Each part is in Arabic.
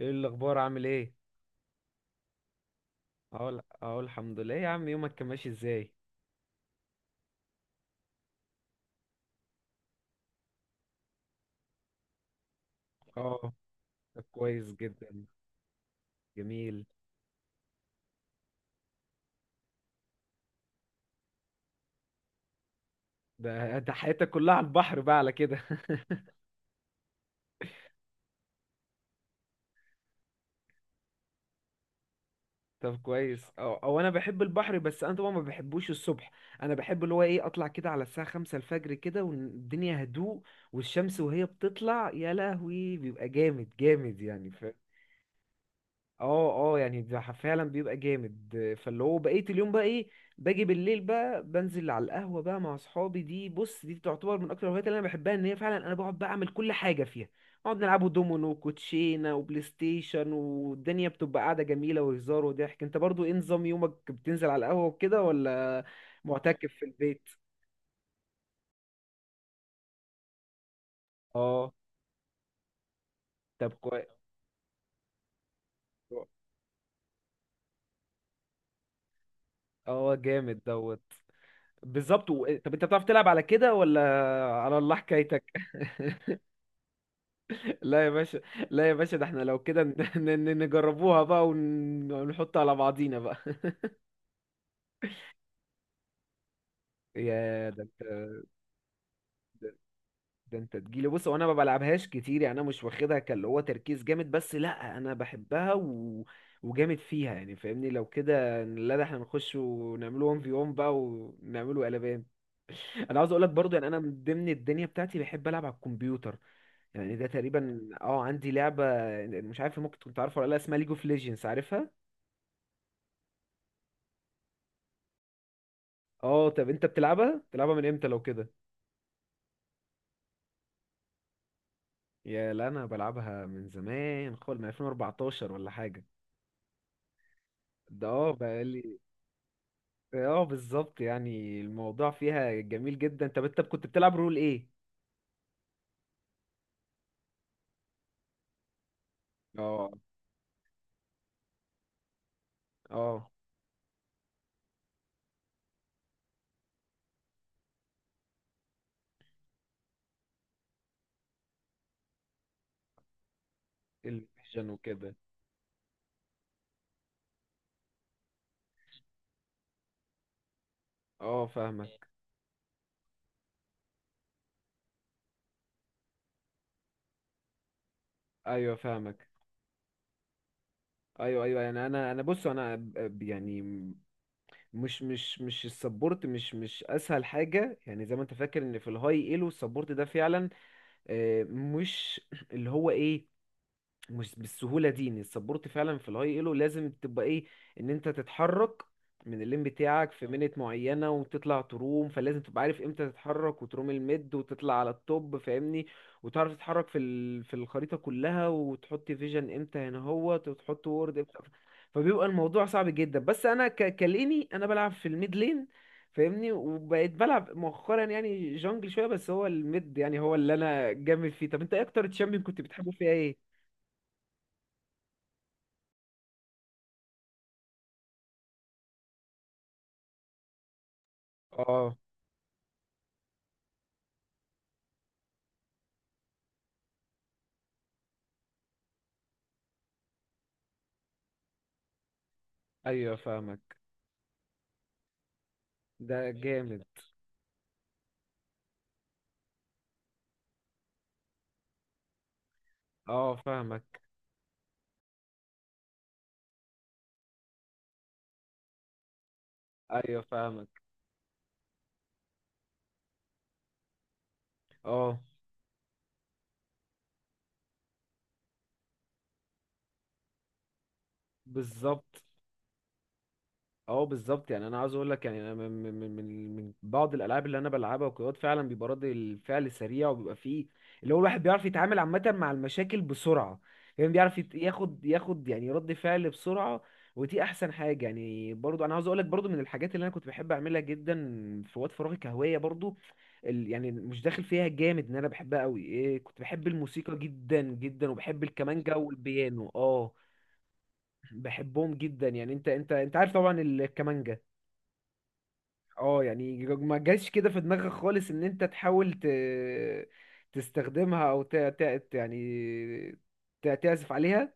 ايه الاخبار؟ عامل ايه؟ اقول الحمد لله. إيه يا عم، يومك كان ماشي ازاي؟ اه، طب كويس جدا. جميل. ده حياتك كلها على البحر بقى على كده. طب كويس. او انا بحب البحر، بس انا طبعا ما بحبوش الصبح. انا بحب اللي هو ايه، اطلع كده على الساعه 5 الفجر كده، والدنيا هدوء، والشمس وهي بتطلع يا لهوي بيبقى جامد جامد يعني. اه اه، يعني ده فعلا بيبقى جامد. فاللي هو بقيت اليوم بقى ايه، باجي بالليل بقى بنزل على القهوة بقى مع اصحابي. دي بص، دي تعتبر من اكتر الهوايات اللي انا بحبها، ان هي فعلا انا بقعد بقى اعمل كل حاجة فيها. نقعد نلعبوا دومينو وكوتشينة وبلاي ستيشن، والدنيا بتبقى قاعدة جميلة، وهزار وضحك. انت برضو ايه نظام يومك؟ بتنزل على القهوة وكده، ولا معتكف في البيت؟ اه، طب كويس. اه جامد دوت. بالظبط. طب انت بتعرف تلعب على كده ولا؟ على الله حكايتك. لا يا باشا، لا يا باشا، ده احنا لو كده نجربوها بقى ونحط على بعضينا بقى. يا ده انت. ده ده انت تجيلي، بص وانا ما بلعبهاش كتير يعني، انا مش واخدها كاللي هو تركيز جامد، بس لا انا بحبها. وجامد فيها يعني، فاهمني؟ لو كده لا، ده احنا نخش ونعمله 1 في 1 بقى، ونعمله قلبان. انا عاوز اقول لك برضو، يعني انا من ضمن الدنيا بتاعتي بحب العب على الكمبيوتر. يعني ده تقريبا، اه، عندي لعبة، مش عارف ممكن كنت عارفها ولا لا، اسمها ليج اوف ليجندز، عارفها؟ اه، طب انت بتلعبها من امتى لو كده؟ يا لا، انا بلعبها من زمان خالص، من 2014 ولا حاجه. ده اه بقالي. اه بالظبط، يعني الموضوع فيها جميل جدا. طب انت كنت بتلعب رول ايه؟ اه اه، الفيجن وكده. اه فاهمك. ايوه فاهمك. ايوه ايوه، يعني انا بص انا يعني مش السبورت، مش اسهل حاجه يعني، زي ما انت فاكر ان في الهاي ايلو السبورت ده فعلا مش، اللي هو ايه، مش بالسهولة دي، ان السبورت فعلا في الهاي ايلو لازم تبقى ايه، ان انت تتحرك من اللين بتاعك في منت معينة وتطلع تروم، فلازم تبقى عارف امتى تتحرك وتروم الميد وتطلع على التوب، فاهمني. وتعرف تتحرك في في الخريطة كلها، وتحط فيجن امتى هنا هو، وتحط وورد امتى. فبيبقى الموضوع صعب جدا، بس انا كليني انا بلعب في الميد لين، فاهمني. وبقيت بلعب مؤخرا يعني جونجل شوية، بس هو الميد، يعني هو اللي انا جامد فيه. طب انت ايه اكتر تشامبيون كنت بتحبه فيها ايه؟ اه ايوه فاهمك. ده جامد. اه فاهمك. ايوه فاهمك. اه بالظبط. اه بالظبط، يعني انا عاوز اقول لك يعني انا من بعض الالعاب اللي انا بلعبها وكده فعلا بيبقى رد الفعل سريع، وبيبقى فيه اللي هو الواحد بيعرف يتعامل عامه مع المشاكل بسرعه، يعني بيعرف ياخد يعني رد فعل بسرعه. ودي احسن حاجه، يعني برضو انا عاوز اقول لك برضو من الحاجات اللي انا كنت بحب اعملها جدا في وقت فراغي كهوايه برضو، يعني مش داخل فيها جامد ان انا بحبها قوي إيه، كنت بحب الموسيقى جدا جدا، وبحب الكمانجا والبيانو. اه بحبهم جدا يعني، انت عارف طبعا الكمانجا. اه، يعني ما جاش كده في دماغك خالص ان انت تحاول تستخدمها، او يعني تعزف عليها؟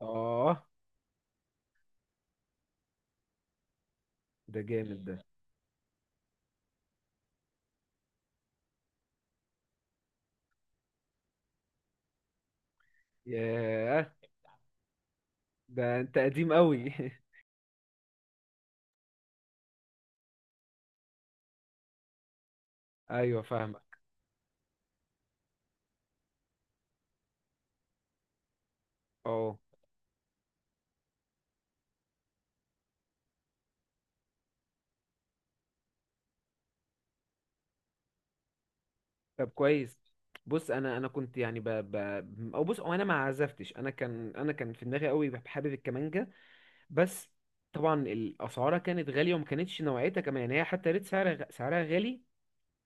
اه ده جامد ده. ياه، ده انت قديم قوي. ايوه فاهمك. اه، طب كويس. بص، انا كنت يعني او بص، او انا ما عزفتش، انا كان في دماغي قوي حابب الكمانجا، بس طبعا الاسعارها كانت غاليه، وما كانتش نوعيتها كمان، يعني هي حتى ريت سعرها سعرها غالي.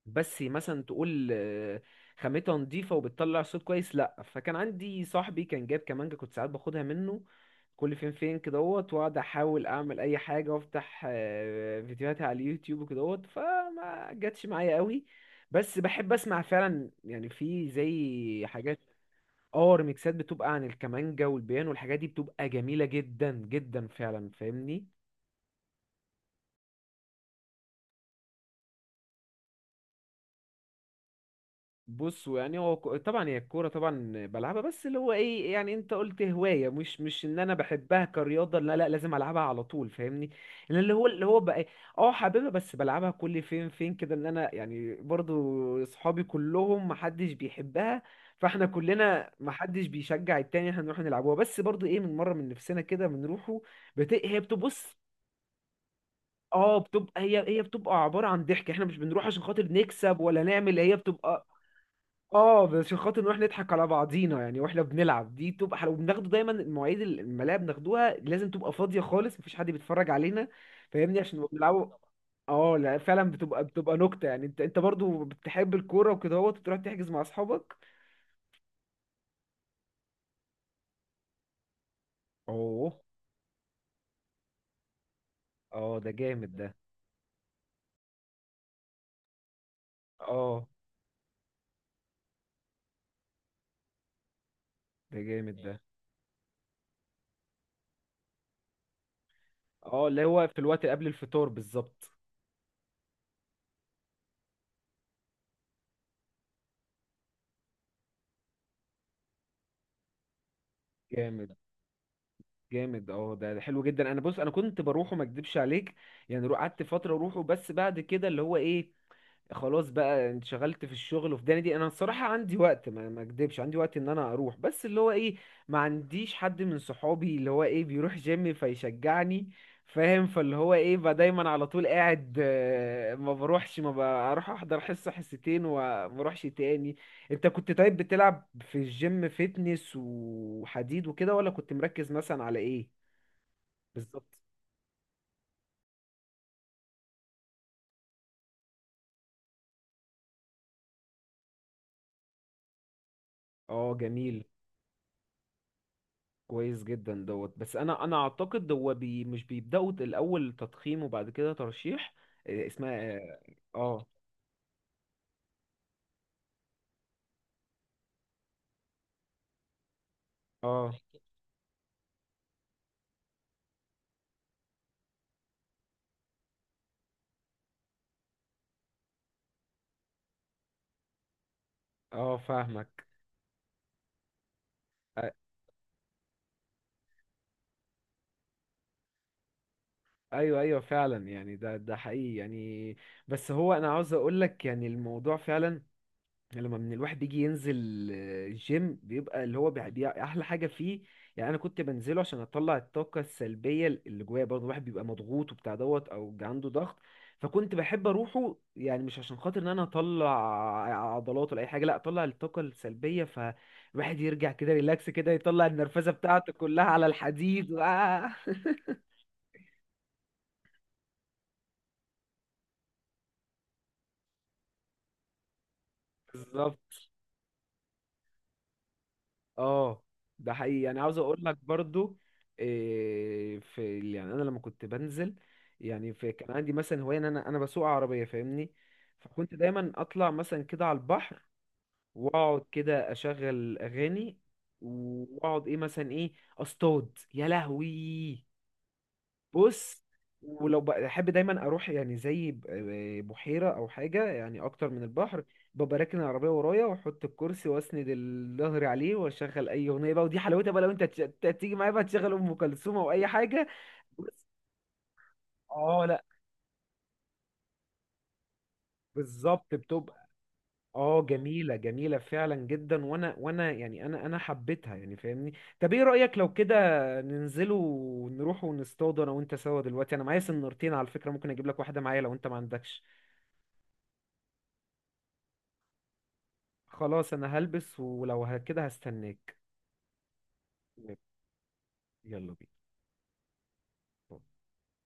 بس مثلا تقول خامتها نضيفة وبتطلع صوت كويس، لأ، فكان عندي صاحبي كان جايب كمانجا، كنت ساعات باخدها منه كل فين فين كدهوت، واقعد احاول اعمل اي حاجة، وافتح فيديوهاتي على اليوتيوب وكدهوت، فما جاتش معايا قوي. بس بحب اسمع فعلا، يعني في زي حاجات، اه ريميكسات بتبقى عن الكمانجا والبيان، والحاجات دي بتبقى جميلة جدا جدا فعلا، فاهمني. بص، يعني هو طبعا هي الكوره طبعا بلعبها، بس اللي هو ايه، يعني انت قلت هوايه، مش ان انا بحبها كرياضه، لا لا، لازم العبها على طول، فاهمني. لان اللي هو بقى إيه، اه حاببها، بس بلعبها كل فين فين كده، ان انا يعني برضو اصحابي كلهم محدش بيحبها، فاحنا كلنا محدش بيشجع التاني، احنا نروح نلعبوها، بس برضو ايه من مره من نفسنا كده بنروحوا. هي بتبص. اه بتبقى هي هي بتبقى عباره عن ضحك، احنا مش بنروح عشان خاطر نكسب ولا نعمل، هي بتبقى، اه، بس عشان خاطر نروح نضحك على بعضينا، يعني واحنا بنلعب دي تبقى حلوه، وبناخده دايما المواعيد الملاعب بناخدوها لازم تبقى فاضيه خالص، مفيش حد بيتفرج علينا، فاهمني، عشان نبقى بنلعبه. اه لا فعلا، بتبقى نكته، يعني انت برضو بتحب الكوره وكده اهوت، وتروح تحجز مع اصحابك؟ اوه. اه ده جامد ده. اه ده جامد ده. اه، اللي هو في الوقت قبل الفطار بالظبط. جامد جامد. اه ده حلو جدا، انا بص انا كنت بروحه، ما اكدبش عليك، يعني قعدت فتره اروحه، بس بعد كده اللي هو ايه، خلاص بقى انشغلت في الشغل وفي دنيا دي، انا الصراحه عندي وقت، ما اكدبش عندي وقت ان انا اروح، بس اللي هو ايه، ما عنديش حد من صحابي اللي هو ايه بيروح جيم فيشجعني، فاهم. فاللي هو ايه بقى دايما على طول قاعد، ما بروحش، ما بروح احضر حصه حصتين، وما بروحش تاني. انت كنت طيب بتلعب في الجيم فيتنس وحديد وكده، ولا كنت مركز مثلا على ايه؟ بالظبط. اه جميل. كويس جدا دوت. بس انا اعتقد هو بي مش بيبداوا الاول تضخيم، وبعد كده ترشيح. إيه اسمها؟ اه اه اه فاهمك. أ- ايوه ايوه فعلا، يعني ده حقيقي يعني، بس هو انا عاوز اقول لك يعني الموضوع فعلا، يعني لما من الواحد يجي ينزل الجيم، بيبقى اللي هو احلى حاجه فيه، يعني انا كنت بنزله عشان اطلع الطاقه السلبيه اللي جوايا، برضه الواحد بيبقى مضغوط وبتاع دوت، او عنده ضغط، فكنت بحب اروحه، يعني مش عشان خاطر ان انا اطلع عضلات ولا اي حاجه، لا، اطلع الطاقه السلبيه، فالواحد يرجع كده ريلاكس كده، يطلع النرفزه بتاعته كلها على الحديد. بالظبط. اه ده حقيقي، يعني عاوز اقول لك برضو إيه في، يعني انا لما كنت بنزل، يعني في كان عندي مثلا هوايه، ان انا بسوق عربيه، فاهمني. فكنت دايما اطلع مثلا كده على البحر، واقعد كده اشغل اغاني، واقعد ايه مثلا ايه، اصطاد يا لهوي. بص، ولو بحب دايما اروح يعني زي بحيره او حاجه، يعني اكتر من البحر، ببقى راكن العربيه ورايا، واحط الكرسي واسند الظهر عليه، واشغل اي اغنيه بقى، ودي حلاوتها بقى لو انت تيجي معايا بقى، تشغل ام كلثوم او اي حاجه. بس اه لا، بالظبط بتبقى، اه جميله جميله فعلا جدا، وانا يعني انا حبيتها يعني، فاهمني. طب ايه رايك لو كده ننزلوا ونروح ونصطادوا انا وانت سوا دلوقتي؟ انا معايا سنارتين على فكره، ممكن اجيب لك واحده معايا لو انت ما عندكش. خلاص، انا هلبس، ولو كده هستناك. يلا بينا.